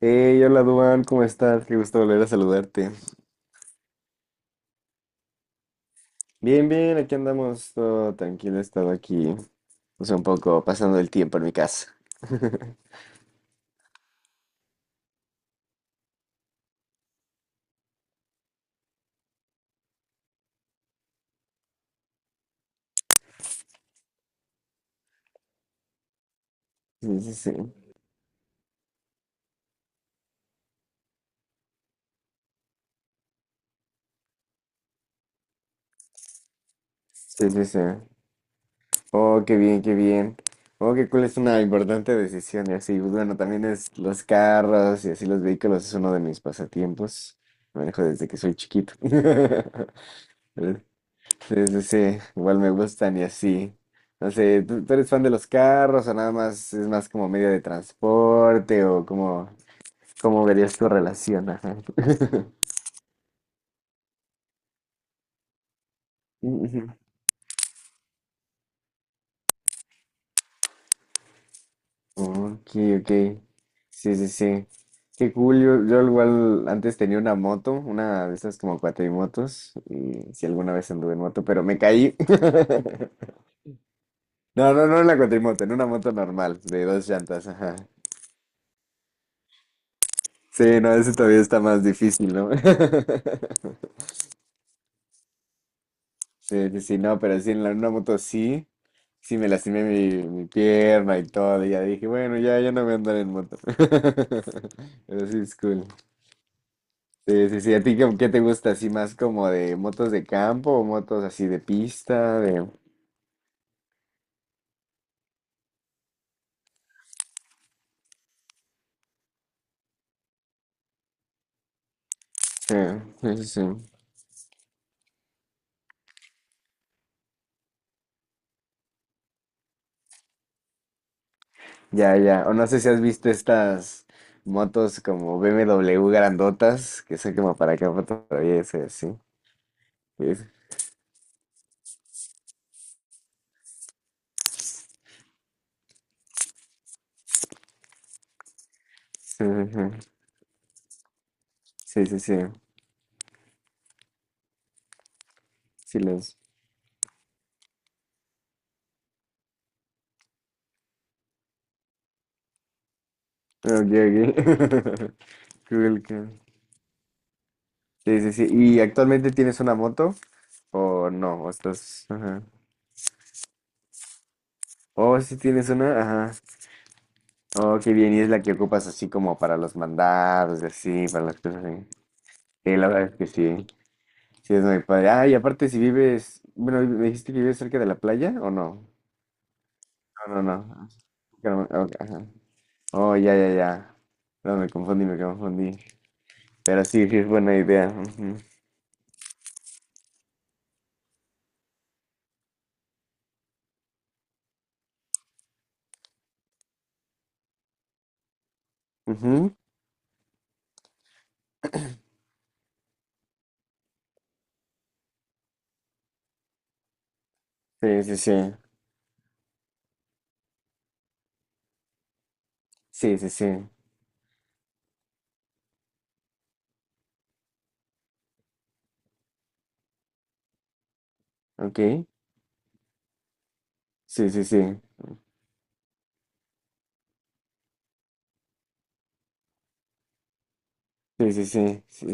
Hey, hola Duan, ¿cómo estás? Qué gusto volver a saludarte. Bien, bien, aquí andamos, todo tranquilo, he estado aquí, pues un poco pasando el tiempo en mi casa. Sí, sí, sí, sí, sí, sí. Oh, qué bien, qué bien. Oh, qué cool, es una importante decisión y así, pues, bueno, también es los carros y así los vehículos es uno de mis pasatiempos. Manejo desde que soy chiquito. Pero sí, sí, sí, igual me gustan y así. No sé, ¿tú eres fan de los carros o nada más es más como medio de transporte o cómo verías tu relación? Ajá. Ujú. Ok, ok. Sí, sí, sí. Qué cool. Yo igual antes tenía una moto, una de esas como cuatrimotos. Y si alguna vez anduve en moto, pero me caí. No, no, no en la cuatrimoto, en una moto normal, de dos llantas, ajá. Sí, no, eso todavía está más difícil, ¿no? Sí, sí, sí, no, pero sí, en la, una moto sí, sí me lastimé mi pierna y todo, y ya dije, bueno, ya, ya no voy a andar en moto. Pero sí, es cool. Sí, sí, sí, ¿a ti qué te gusta? ¿Así más como de motos de campo o motos así de pista? De... Sí, sí, sí, sí. Ya, ya, o no sé si has visto estas motos como BMW grandotas, que son como para campo todavía, sí, sí. Sí, sí, sí, sí, sí, sí, sí, los... Ok, ok. Cool, cool. Sí, sí, sí. ¿Y actualmente tienes una moto? ¿O no? ¿O estás...? Ajá. Oh, sí tienes una. Ajá. Oh, qué bien. Y es la que ocupas así como para los mandados, y así, para las cosas así. Sí, la verdad es que sí. Sí, es muy padre. Ah, y aparte si vives... Bueno, ¿me dijiste que vives cerca de la playa o no? No, no, no. Carmen, ok, ajá. Oh, ya, ya, ya. No, me confundí, me confundí. Pero sí, sí es buena idea. Ujú. Ujú. Sí, sí, sí. Sí, sí, sí. Ok. Sí, sí, sí. Sí, sí, sí. Sí,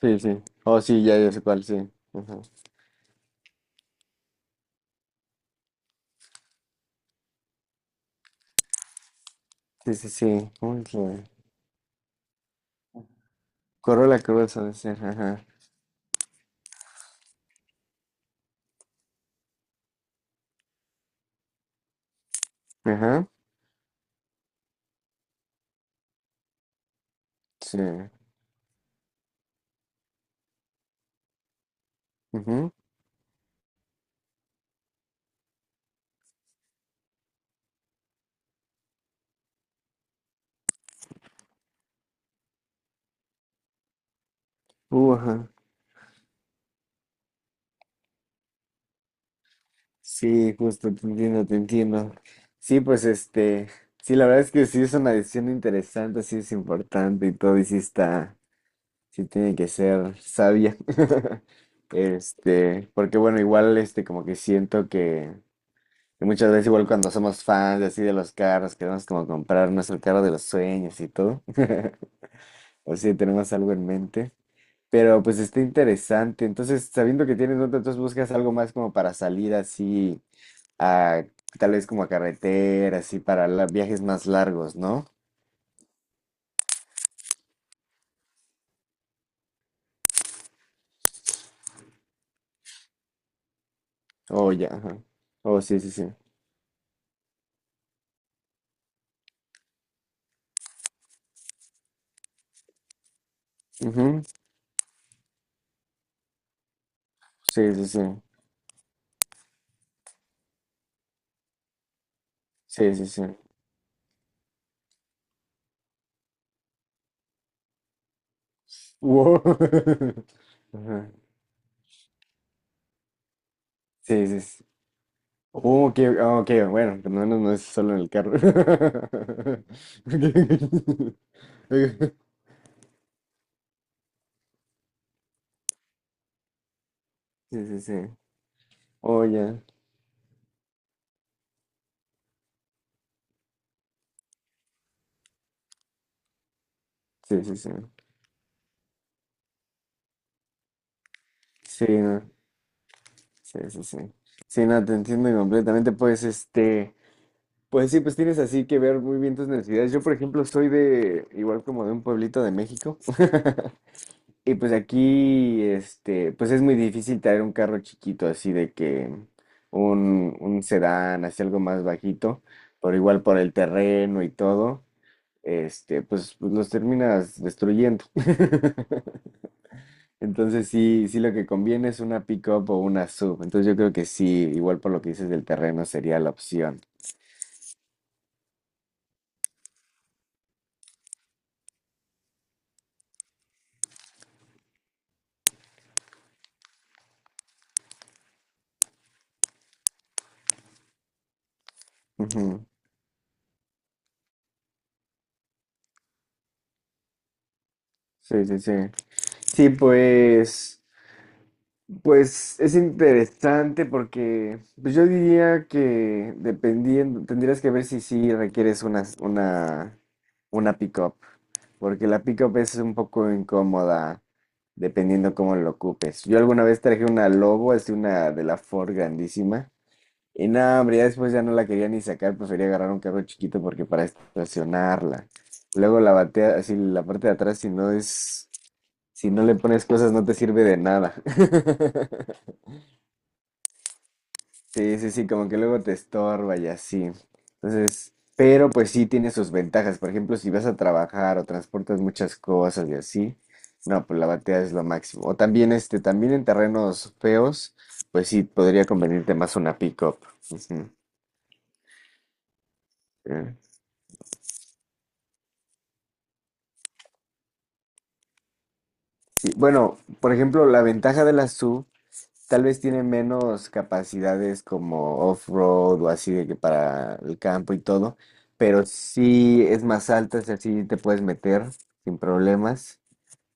sí, sí. Oh, sí, ya, ya sé cuál, sí. Ajá. Sí, sí, sí. ¿Cómo es la- Corro la cruz, ha de ser. Ajá. Ajá. Sí. Ujú. Ajá. Sí, justo, te entiendo, te entiendo. Sí, pues este. Sí, la verdad es que sí es una decisión interesante, sí es importante y todo, y sí está. Sí tiene que ser sabia. Este, porque bueno, igual este, como que siento que. Y muchas veces igual cuando somos fans de así de los carros, queremos como comprar nuestro carro de los sueños y todo. O si tenemos algo en mente. Pero pues está interesante. Entonces, sabiendo que tienes otro, entonces buscas algo más como para salir así a tal vez como a carretera, así para la- viajes más largos, ¿no? Oh, ya, ajá. Oh, sí, sí, sí. Ujú. Sí, sí, sí. Sí, sí, sí. Wow. Ajá. Sí, sí, sí. Oh, ok, ah, ok, bueno, no, menos no es solo en el carro. Ok. Sí, sí, sí. Oh, ya. Sí, sí, sí. Sí, no. Sí, sí, sí. Sí, no, te entiendo completamente. Pues, este, pues sí, pues tienes así que ver muy bien tus necesidades. Yo, por ejemplo, soy de, igual como de un pueblito de México. Y pues aquí, este, pues es muy difícil traer un carro chiquito, así de que un sedán, así algo más bajito, pero igual por el terreno y todo, este, pues, pues los terminas destruyendo. Entonces sí, sí lo que conviene es una pick-up o una sub. Entonces yo creo que sí, igual por lo que dices del terreno sería la opción. Ujú. Sí, sí, sí. Sí, pues. Pues es interesante porque pues, yo diría que dependiendo, tendrías que ver si sí requieres una pick-up, porque la pick-up es un poco incómoda dependiendo cómo lo ocupes. Yo alguna vez traje una Lobo, es una de la Ford grandísima, y nada, hombre, ya después ya no la quería ni sacar, prefería agarrar un carro chiquito porque para estacionarla. Luego la batea, así la parte de atrás, si no es, si no le pones cosas, no te sirve de nada. Sí, sí, sí, como que luego te estorba y así. Entonces, pero pues sí tiene sus ventajas. Por ejemplo, si vas a trabajar o transportas muchas cosas y así, no, pues la batea es lo máximo. O también este, también en terrenos feos, pues sí podría convenirte más una pick-up. Ujú. Eh, Sí, bueno, por ejemplo, la ventaja de la SUV tal vez tiene menos capacidades como off-road o así de que para el campo y todo, pero sí es más alta, es sí te puedes meter sin problemas.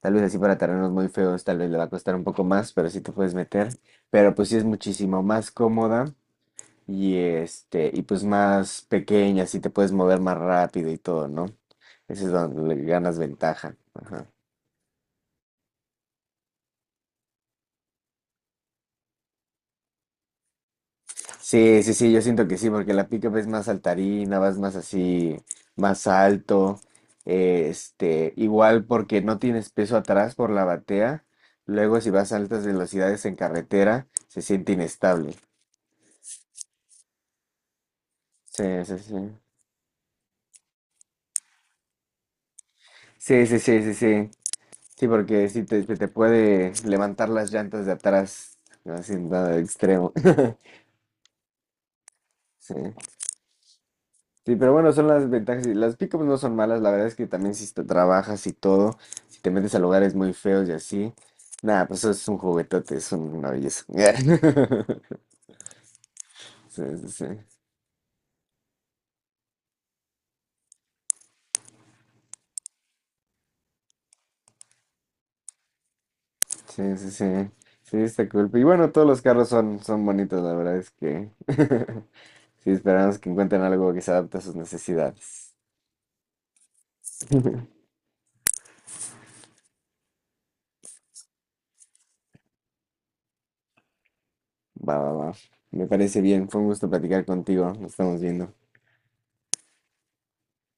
Tal vez así para terrenos muy feos, tal vez le va a costar un poco más, pero sí te puedes meter. Pero pues sí es muchísimo más cómoda y este, y pues más pequeña, así te puedes mover más rápido y todo, ¿no? Ese es donde le ganas ventaja. Ajá. Sí, sí, sí, yo siento que sí, porque la pick es más saltarina, vas más así, más alto, este, igual porque no tienes peso atrás por la batea, luego si vas a altas velocidades en carretera, se siente inestable. Sí, sí, sí. Sí, sí, sí, sí, sí. Sí, porque sí te puede levantar las llantas de atrás, haciendo extremo. Sí. Sí, pero bueno, son las ventajas. Y las pickups no son malas, la verdad es que también si te trabajas y todo, si te metes a lugares muy feos y así, nada, pues eso es un juguetote, es un- una belleza. Sí, sí, sí, sí, sí, sí, sí, está cool. Y bueno, todos los carros son, son bonitos, la verdad es que sí, esperamos que encuentren algo que se adapte a sus necesidades. Va, va, va. Me parece bien, fue un gusto platicar contigo, nos estamos viendo.